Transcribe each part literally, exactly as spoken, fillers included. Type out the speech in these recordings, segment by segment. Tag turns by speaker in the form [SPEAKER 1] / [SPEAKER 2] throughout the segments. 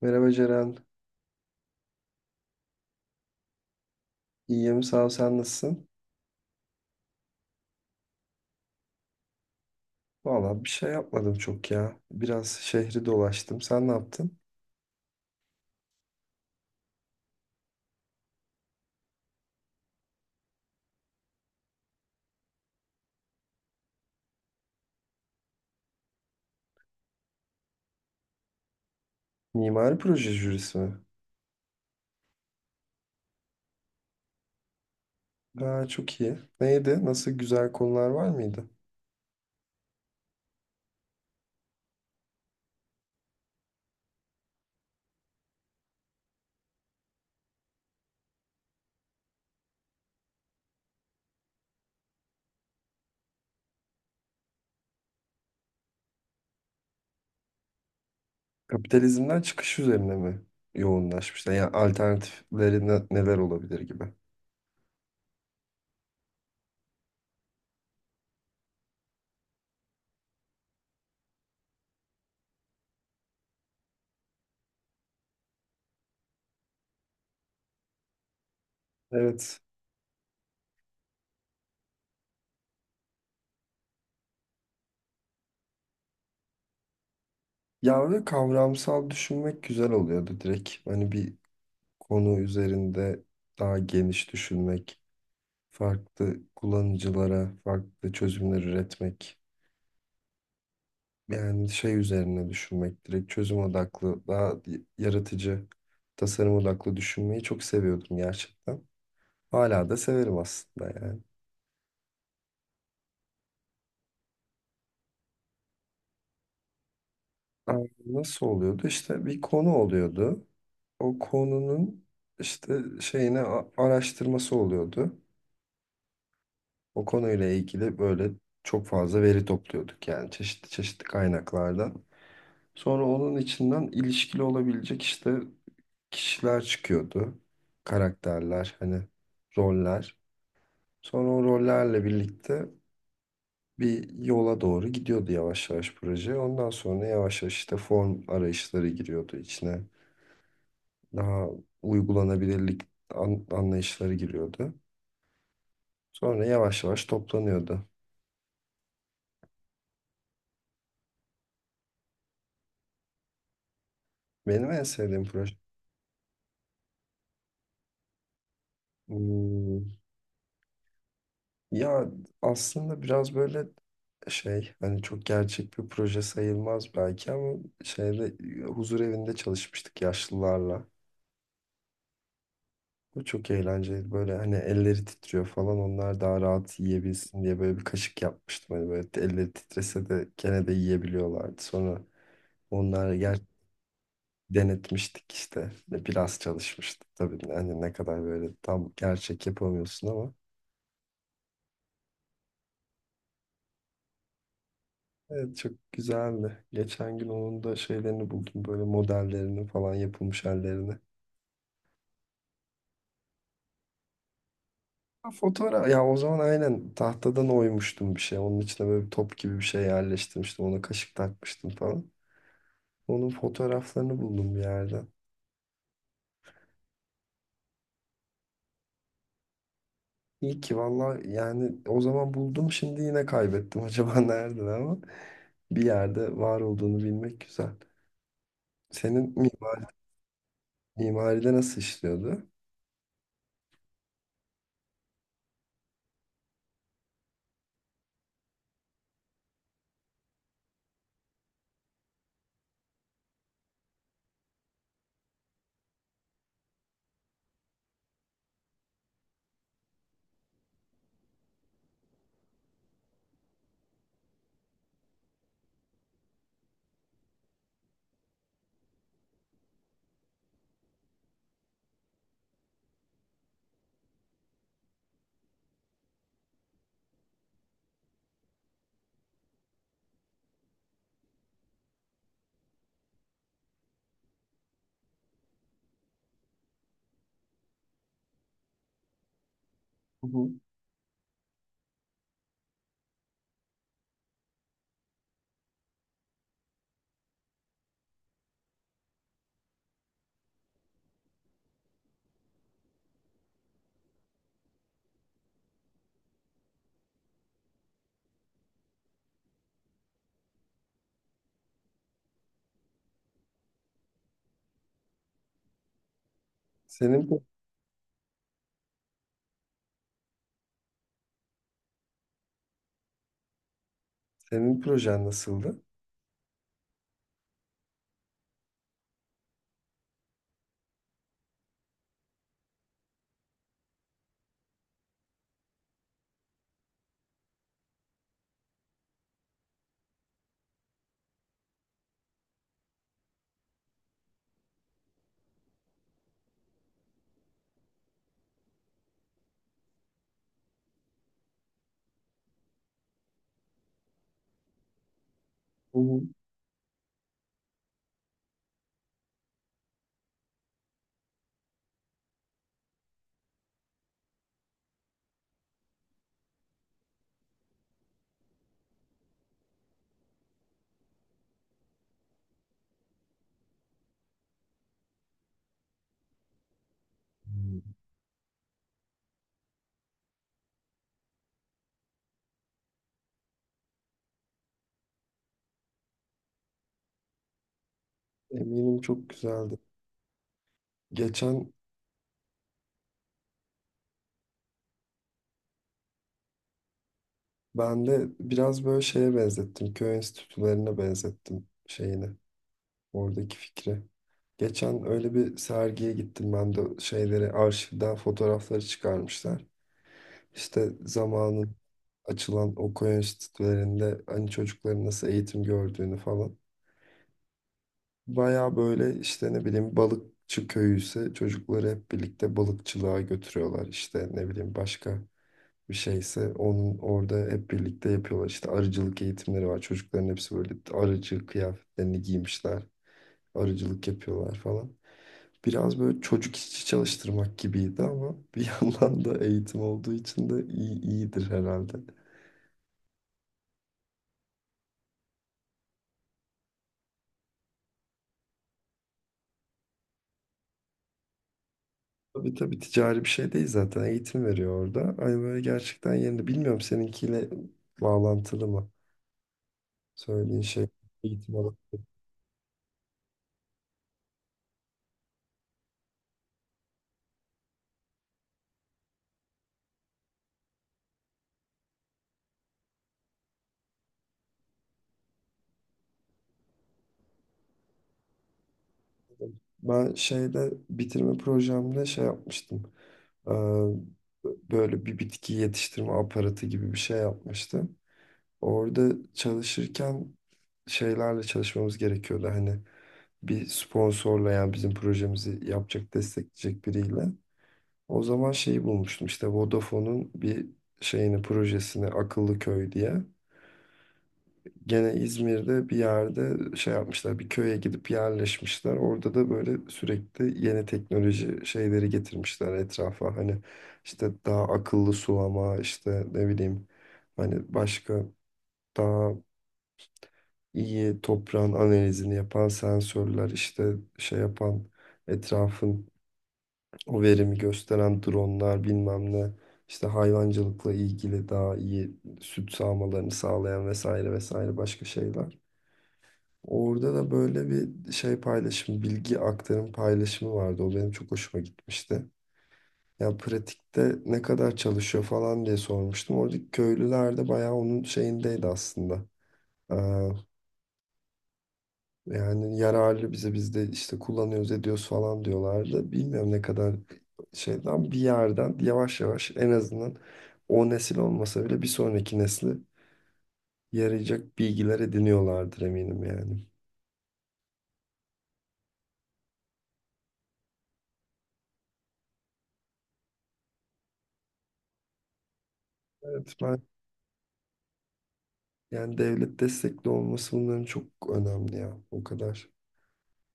[SPEAKER 1] Merhaba Ceren. İyiyim, sağ ol. Sen nasılsın? Valla bir şey yapmadım çok ya. Biraz şehri dolaştım. Sen ne yaptın? Mimari proje jürisi mi? Aa, çok iyi. Neydi? Nasıl güzel konular var mıydı? Kapitalizmden çıkış üzerine mi yoğunlaşmışlar? Yani alternatifleri ne- neler olabilir gibi. Evet. Ya, ve kavramsal düşünmek güzel oluyordu direkt. Hani bir konu üzerinde daha geniş düşünmek, farklı kullanıcılara farklı çözümler üretmek. Yani şey üzerine düşünmek direkt, çözüm odaklı, daha yaratıcı, tasarım odaklı düşünmeyi çok seviyordum gerçekten. Hala da severim aslında yani. Ama Nasıl oluyordu? İşte bir konu oluyordu. O konunun işte şeyine a- araştırması oluyordu. O konuyla ilgili böyle çok fazla veri topluyorduk yani çeşitli çeşitli kaynaklardan. Sonra onun içinden ilişkili olabilecek işte kişiler çıkıyordu. Karakterler, hani roller. Sonra o rollerle birlikte bir yola doğru gidiyordu yavaş yavaş proje. Ondan sonra yavaş yavaş işte form arayışları giriyordu içine. Daha uygulanabilirlik an- anlayışları giriyordu. Sonra yavaş yavaş toplanıyordu. Benim en sevdiğim proje. Hmm, Ya, aslında biraz böyle şey, hani çok gerçek bir proje sayılmaz belki ama şeyde, e, huzur evinde çalışmıştık yaşlılarla. Bu çok eğlenceli, böyle hani elleri titriyor falan, onlar daha rahat yiyebilsin diye böyle bir kaşık yapmıştım. Hani böyle elleri titrese de gene de yiyebiliyorlardı. Sonra onları ger denetmiştik işte, biraz çalışmıştık tabii, hani ne kadar böyle tam gerçek yapamıyorsun ama. Evet, çok güzeldi. Geçen gün onun da şeylerini buldum, böyle modellerini falan, yapılmış hallerini. Ha, fotoğraf ya. O zaman aynen tahtadan oymuştum bir şey. Onun içine böyle bir top gibi bir şey yerleştirmiştim. Ona kaşık takmıştım falan. Onun fotoğraflarını buldum bir yerden. İyi ki valla, yani o zaman buldum, şimdi yine kaybettim acaba nerede, ama bir yerde var olduğunu bilmek güzel. Senin mimar, mimaride nasıl işliyordu? Hı hı. Senin senin projen nasıldı? Hı hı. Eminim çok güzeldi. Geçen ben de biraz böyle şeye benzettim. Köy enstitülerine benzettim şeyini. Oradaki fikri. Geçen öyle bir sergiye gittim ben de, şeyleri arşivden fotoğrafları çıkarmışlar. İşte zamanın açılan o köy enstitülerinde hani çocukların nasıl eğitim gördüğünü falan. Baya böyle işte, ne bileyim, balıkçı köyü ise çocukları hep birlikte balıkçılığa götürüyorlar. İşte ne bileyim, başka bir şeyse onun, orada hep birlikte yapıyorlar. İşte arıcılık eğitimleri var. Çocukların hepsi böyle arıcı kıyafetlerini giymişler. Arıcılık yapıyorlar falan. Biraz böyle çocuk işçi çalıştırmak gibiydi ama bir yandan da eğitim olduğu için de iyi, iyidir herhalde. Tabii tabii, ticari bir şey değil zaten. Eğitim veriyor orada. Hani böyle gerçekten yerinde. Bilmiyorum seninkiyle bağlantılı mı? Söylediğin şey, eğitim alan. Ben şeyde, bitirme projemde şey yapmıştım. Ee, Böyle bir bitki yetiştirme aparatı gibi bir şey yapmıştı. Orada çalışırken şeylerle çalışmamız gerekiyordu. Hani bir sponsorla, yani bizim projemizi yapacak, destekleyecek biriyle. O zaman şeyi bulmuştum işte, Vodafone'un bir şeyini, projesini, Akıllı Köy diye. Gene İzmir'de bir yerde şey yapmışlar, bir köye gidip yerleşmişler. Orada da böyle sürekli yeni teknoloji şeyleri getirmişler etrafa. Hani işte daha akıllı sulama, işte ne bileyim, hani başka, daha iyi toprağın analizini yapan sensörler, işte şey yapan etrafın o verimi gösteren dronlar, bilmem ne. İşte hayvancılıkla ilgili daha iyi süt sağmalarını sağlayan, vesaire vesaire başka şeyler. Orada da böyle bir şey paylaşım, bilgi aktarım paylaşımı vardı. O benim çok hoşuma gitmişti. Yani pratikte ne kadar çalışıyor falan diye sormuştum. Oradaki köylüler de bayağı onun şeyindeydi aslında. Ee, Yani yararlı bize, biz de işte kullanıyoruz, ediyoruz falan diyorlardı. Bilmiyorum ne kadar, şeyden bir yerden yavaş yavaş, en azından o nesil olmasa bile bir sonraki nesli yarayacak bilgiler ediniyorlardır eminim yani. Evet, ben. Yani devlet destekli olması bunların çok önemli ya. O kadar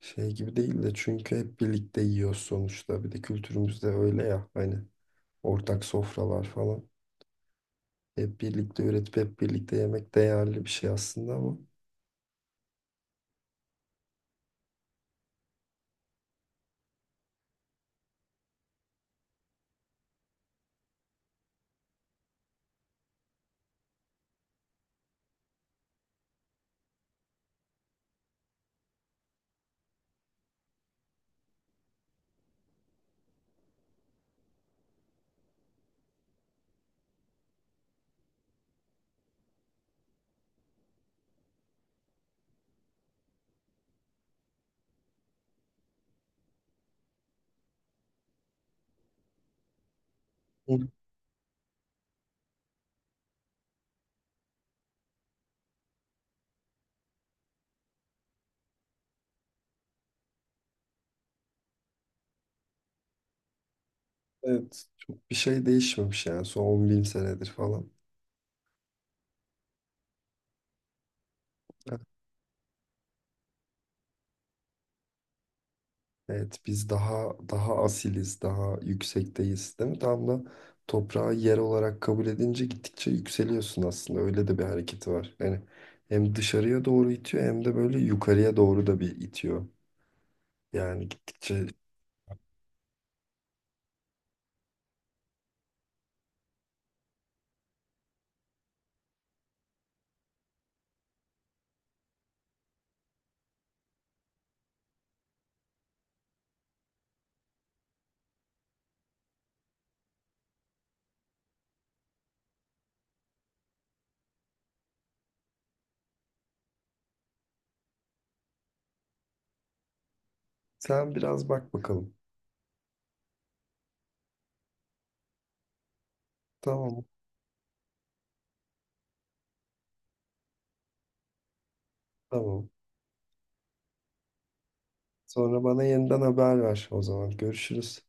[SPEAKER 1] şey gibi değil de, çünkü hep birlikte yiyoruz sonuçta. Bir de kültürümüzde öyle ya, hani ortak sofralar falan. Hep birlikte üretip hep birlikte yemek değerli bir şey aslında ama. Hı. Evet. Çok bir şey değişmemiş yani son on bin senedir falan. Evet, biz daha daha asiliz, daha yüksekteyiz, değil mi? Tam da toprağı yer olarak kabul edince gittikçe yükseliyorsun aslında. Öyle de bir hareketi var. Yani hem dışarıya doğru itiyor, hem de böyle yukarıya doğru da bir itiyor. Yani gittikçe. Sen biraz bak bakalım. Tamam, tamam. Sonra bana yeniden haber ver o zaman. Görüşürüz.